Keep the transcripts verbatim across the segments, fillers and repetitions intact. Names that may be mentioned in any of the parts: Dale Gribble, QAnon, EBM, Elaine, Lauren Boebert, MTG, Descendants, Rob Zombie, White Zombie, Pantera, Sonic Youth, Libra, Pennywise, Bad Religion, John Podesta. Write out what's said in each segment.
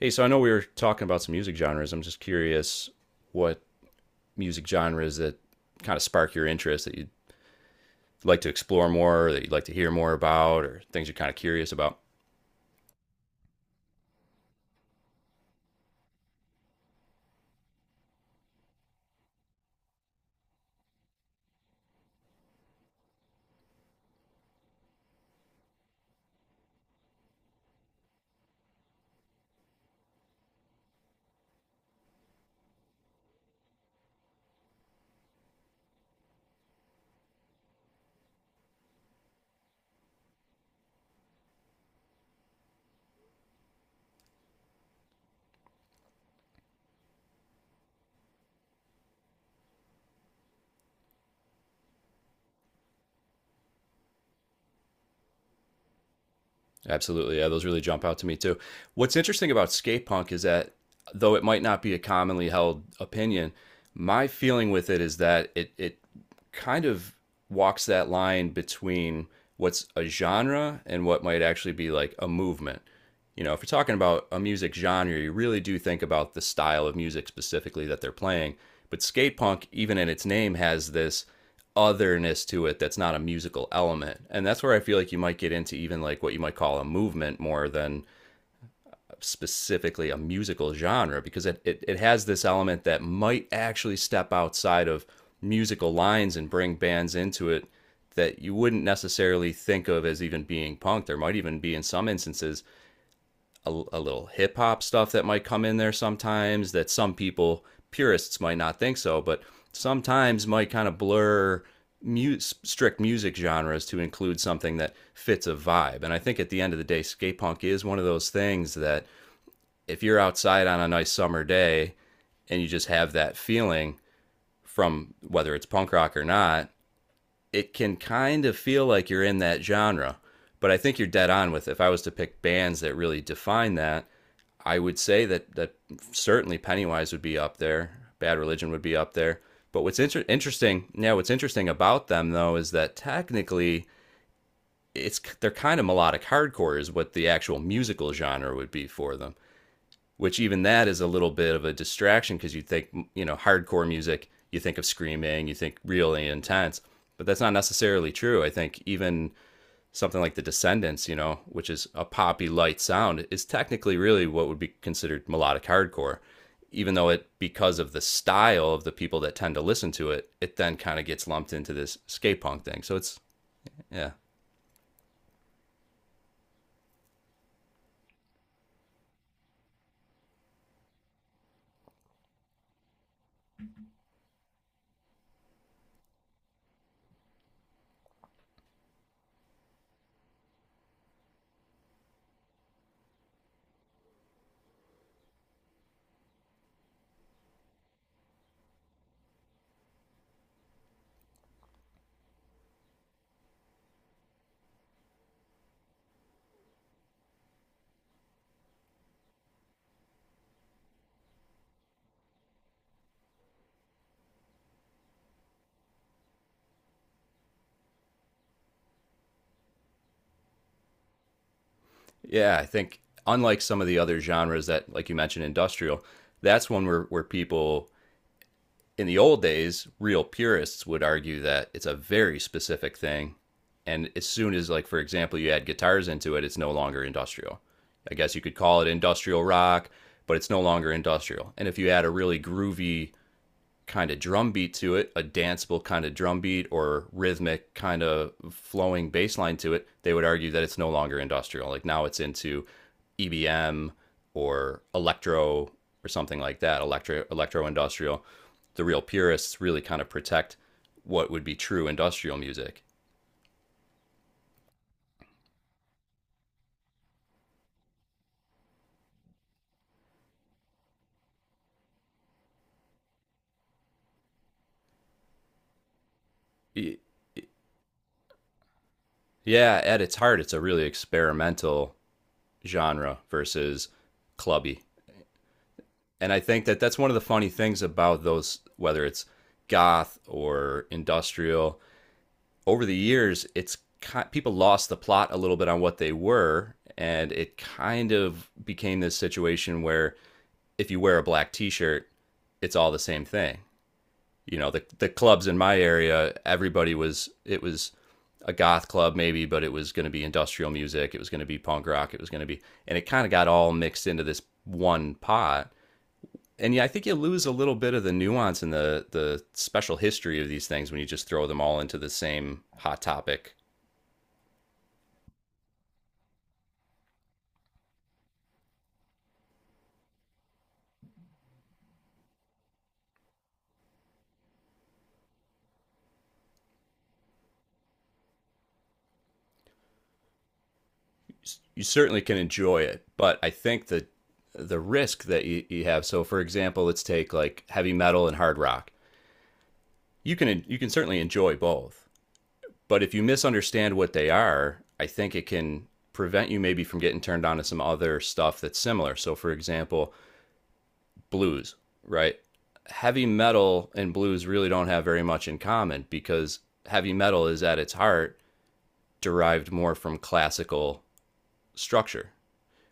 Hey, so I know we were talking about some music genres. I'm just curious what music genres that kind of spark your interest that you'd like to explore more, or that you'd like to hear more about, or things you're kind of curious about. Absolutely. Yeah, those really jump out to me too. What's interesting about skate punk is that though it might not be a commonly held opinion, my feeling with it is that it it kind of walks that line between what's a genre and what might actually be like a movement. You know, if you're talking about a music genre, you really do think about the style of music specifically that they're playing. But skate punk, even in its name, has this otherness to it that's not a musical element. And that's where I feel like you might get into even like what you might call a movement more than specifically a musical genre, because it, it, it has this element that might actually step outside of musical lines and bring bands into it that you wouldn't necessarily think of as even being punk. There might even be, in some instances, a, a little hip hop stuff that might come in there sometimes that some people purists might not think so, but sometimes might kind of blur mu- strict music genres to include something that fits a vibe. And I think at the end of the day, skate punk is one of those things that if you're outside on a nice summer day and you just have that feeling from whether it's punk rock or not, it can kind of feel like you're in that genre. But I think you're dead on with if I was to pick bands that really define that, I would say that that certainly Pennywise would be up there. Bad Religion would be up there. But what's inter- interesting, yeah, what's interesting about them though is that technically it's they're kind of melodic hardcore is what the actual musical genre would be for them. Which even that is a little bit of a distraction because you think, you know, hardcore music, you think of screaming, you think really intense, but that's not necessarily true. I think even something like the Descendants, you know, which is a poppy light sound, is technically really what would be considered melodic hardcore, even though it, because of the style of the people that tend to listen to it, it then kind of gets lumped into this skate punk thing. So it's, yeah. Yeah, I think unlike some of the other genres that, like you mentioned, industrial, that's one where, where people in the old days, real purists would argue that it's a very specific thing. And as soon as, like, for example, you add guitars into it, it's no longer industrial. I guess you could call it industrial rock, but it's no longer industrial. And if you add a really groovy kind of drum beat to it, a danceable kind of drum beat or rhythmic kind of flowing bass line to it, they would argue that it's no longer industrial. Like now it's into E B M or electro or something like that, electro electro industrial. The real purists really kind of protect what would be true industrial music. Yeah, at its heart, it's a really experimental genre versus clubby, and I think that that's one of the funny things about those, whether it's goth or industrial. Over the years, it's people lost the plot a little bit on what they were, and it kind of became this situation where if you wear a black T-shirt, it's all the same thing. You know, the the clubs in my area, everybody was it was a goth club maybe, but it was going to be industrial music, it was going to be punk rock, it was going to be, and it kind of got all mixed into this one pot, and yeah, I think you lose a little bit of the nuance and the the special history of these things when you just throw them all into the same hot topic. You certainly can enjoy it, but I think that the risk that you, you have. So, for example, let's take like heavy metal and hard rock. You can you can certainly enjoy both, but if you misunderstand what they are, I think it can prevent you maybe from getting turned on to some other stuff that's similar. So, for example, blues, right? Heavy metal and blues really don't have very much in common because heavy metal is at its heart derived more from classical structure,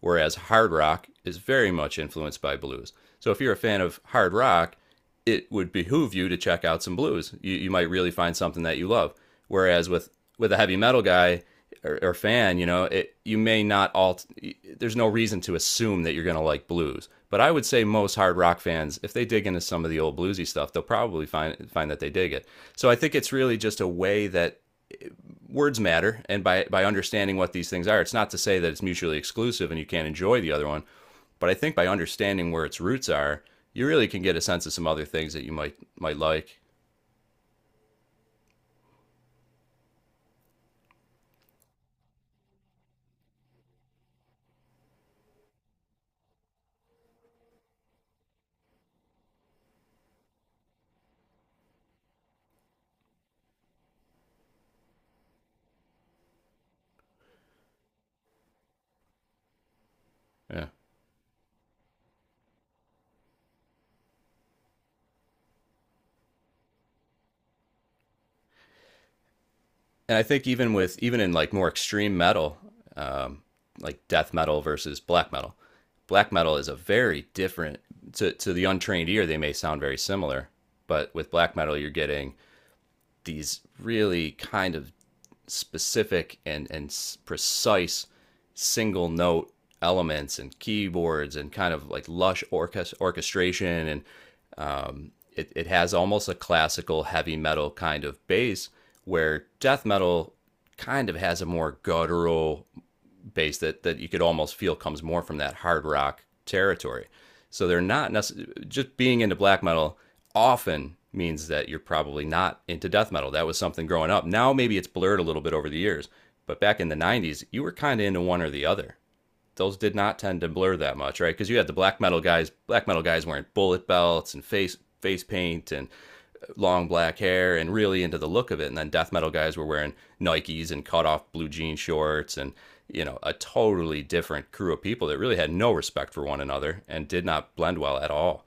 whereas hard rock is very much influenced by blues. So if you're a fan of hard rock, it would behoove you to check out some blues. You, you might really find something that you love. Whereas with with a heavy metal guy or, or fan, you know, it, you may not all. There's no reason to assume that you're going to like blues. But I would say most hard rock fans, if they dig into some of the old bluesy stuff, they'll probably find find that they dig it. So I think it's really just a way that words matter, and by by understanding what these things are, it's not to say that it's mutually exclusive and you can't enjoy the other one, but I think by understanding where its roots are, you really can get a sense of some other things that you might might like. Yeah, and I think even with even in like more extreme metal, um, like death metal versus black metal, black metal is a very different to to the untrained ear they may sound very similar, but with black metal you're getting these really kind of specific and and precise single note elements and keyboards and kind of like lush orchest- orchestration, and it, it has almost a classical heavy metal kind of bass, where death metal kind of has a more guttural bass that that you could almost feel comes more from that hard rock territory. So they're not necessarily just being into black metal often means that you're probably not into death metal. That was something growing up. Now maybe it's blurred a little bit over the years, but back in the nineties, you were kind of into one or the other. Those did not tend to blur that much, right? Because you had the black metal guys, black metal guys wearing bullet belts and face face paint and uh, long black hair and really into the look of it. And then death metal guys were wearing Nikes and cut off blue jean shorts and you know a totally different crew of people that really had no respect for one another and did not blend well at all.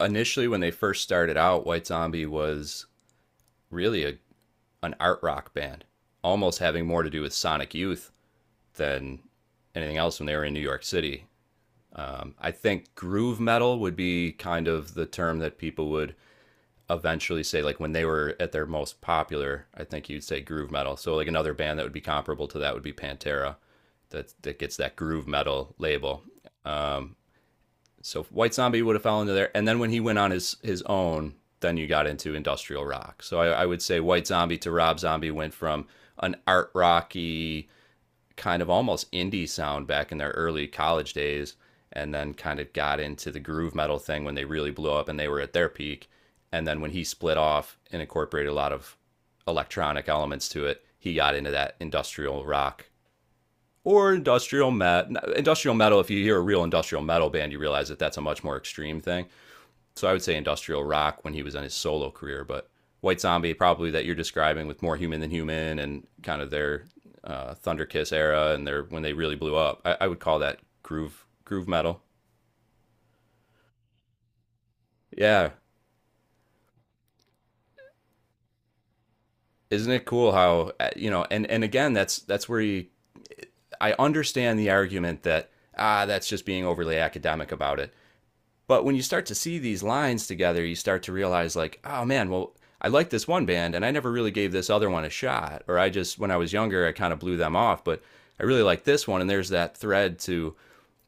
Initially, when they first started out, White Zombie was really a, an art rock band, almost having more to do with Sonic Youth than anything else when they were in New York City. I think groove metal would be kind of the term that people would eventually say like when they were at their most popular, I think you'd say groove metal. So like another band that would be comparable to that would be Pantera. That that gets that groove metal label. Um, so White Zombie would have fallen into there. And then when he went on his his own, then you got into industrial rock. So I, I would say White Zombie to Rob Zombie went from an art rocky kind of almost indie sound back in their early college days and then kind of got into the groove metal thing when they really blew up and they were at their peak. And then when he split off and incorporated a lot of electronic elements to it, he got into that industrial rock or industrial metal. industrial metal. If you hear a real industrial metal band, you realize that that's a much more extreme thing. So I would say industrial rock when he was on his solo career, but White Zombie probably that you're describing with more human than human and kind of their uh, Thunder Kiss era and their when they really blew up. I, I would call that groove groove metal. Yeah, isn't it cool how uh, you know? And and again, that's that's where you, I understand the argument that ah that's just being overly academic about it. But when you start to see these lines together, you start to realize, like, oh man, well, I like this one band and I never really gave this other one a shot. Or I just, when I was younger, I kind of blew them off, but I really like this one. And there's that thread to,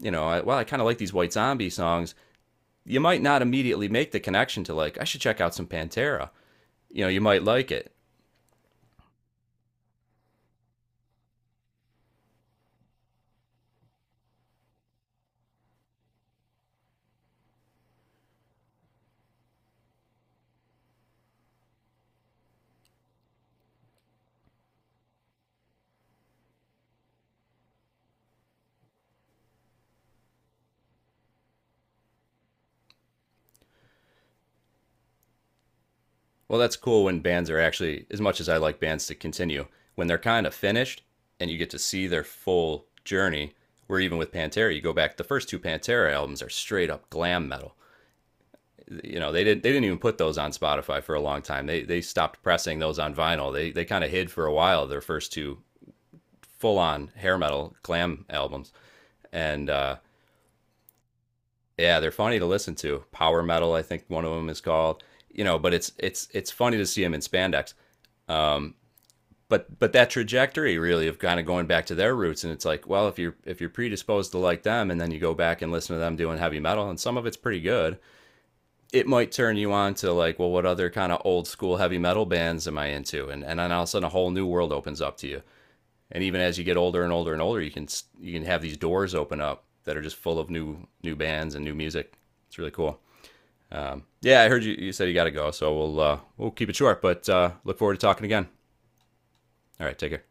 you know, I, well, I kind of like these White Zombie songs. You might not immediately make the connection to, like, I should check out some Pantera. You know, you might like it. Well, that's cool when bands are actually, as much as I like bands to continue, when they're kind of finished and you get to see their full journey, where even with Pantera, you go back, the first two Pantera albums are straight up glam metal. You know, they didn't they didn't even put those on Spotify for a long time. They they stopped pressing those on vinyl. They they kind of hid for a while their first two full on hair metal glam albums. And uh yeah, they're funny to listen to. Power metal, I think one of them is called. You know, but it's it's it's funny to see them in spandex. But but that trajectory really of kind of going back to their roots, and it's like well if you're if you're predisposed to like them and then you go back and listen to them doing heavy metal, and some of it's pretty good, it might turn you on to like well what other kind of old school heavy metal bands am I into, and and then all of a sudden a whole new world opens up to you. And even as you get older and older and older, you can you can have these doors open up that are just full of new new bands and new music. It's really cool. Yeah, I heard you, you said you got to go, so we'll uh we'll keep it short, but uh look forward to talking again. All right, take care.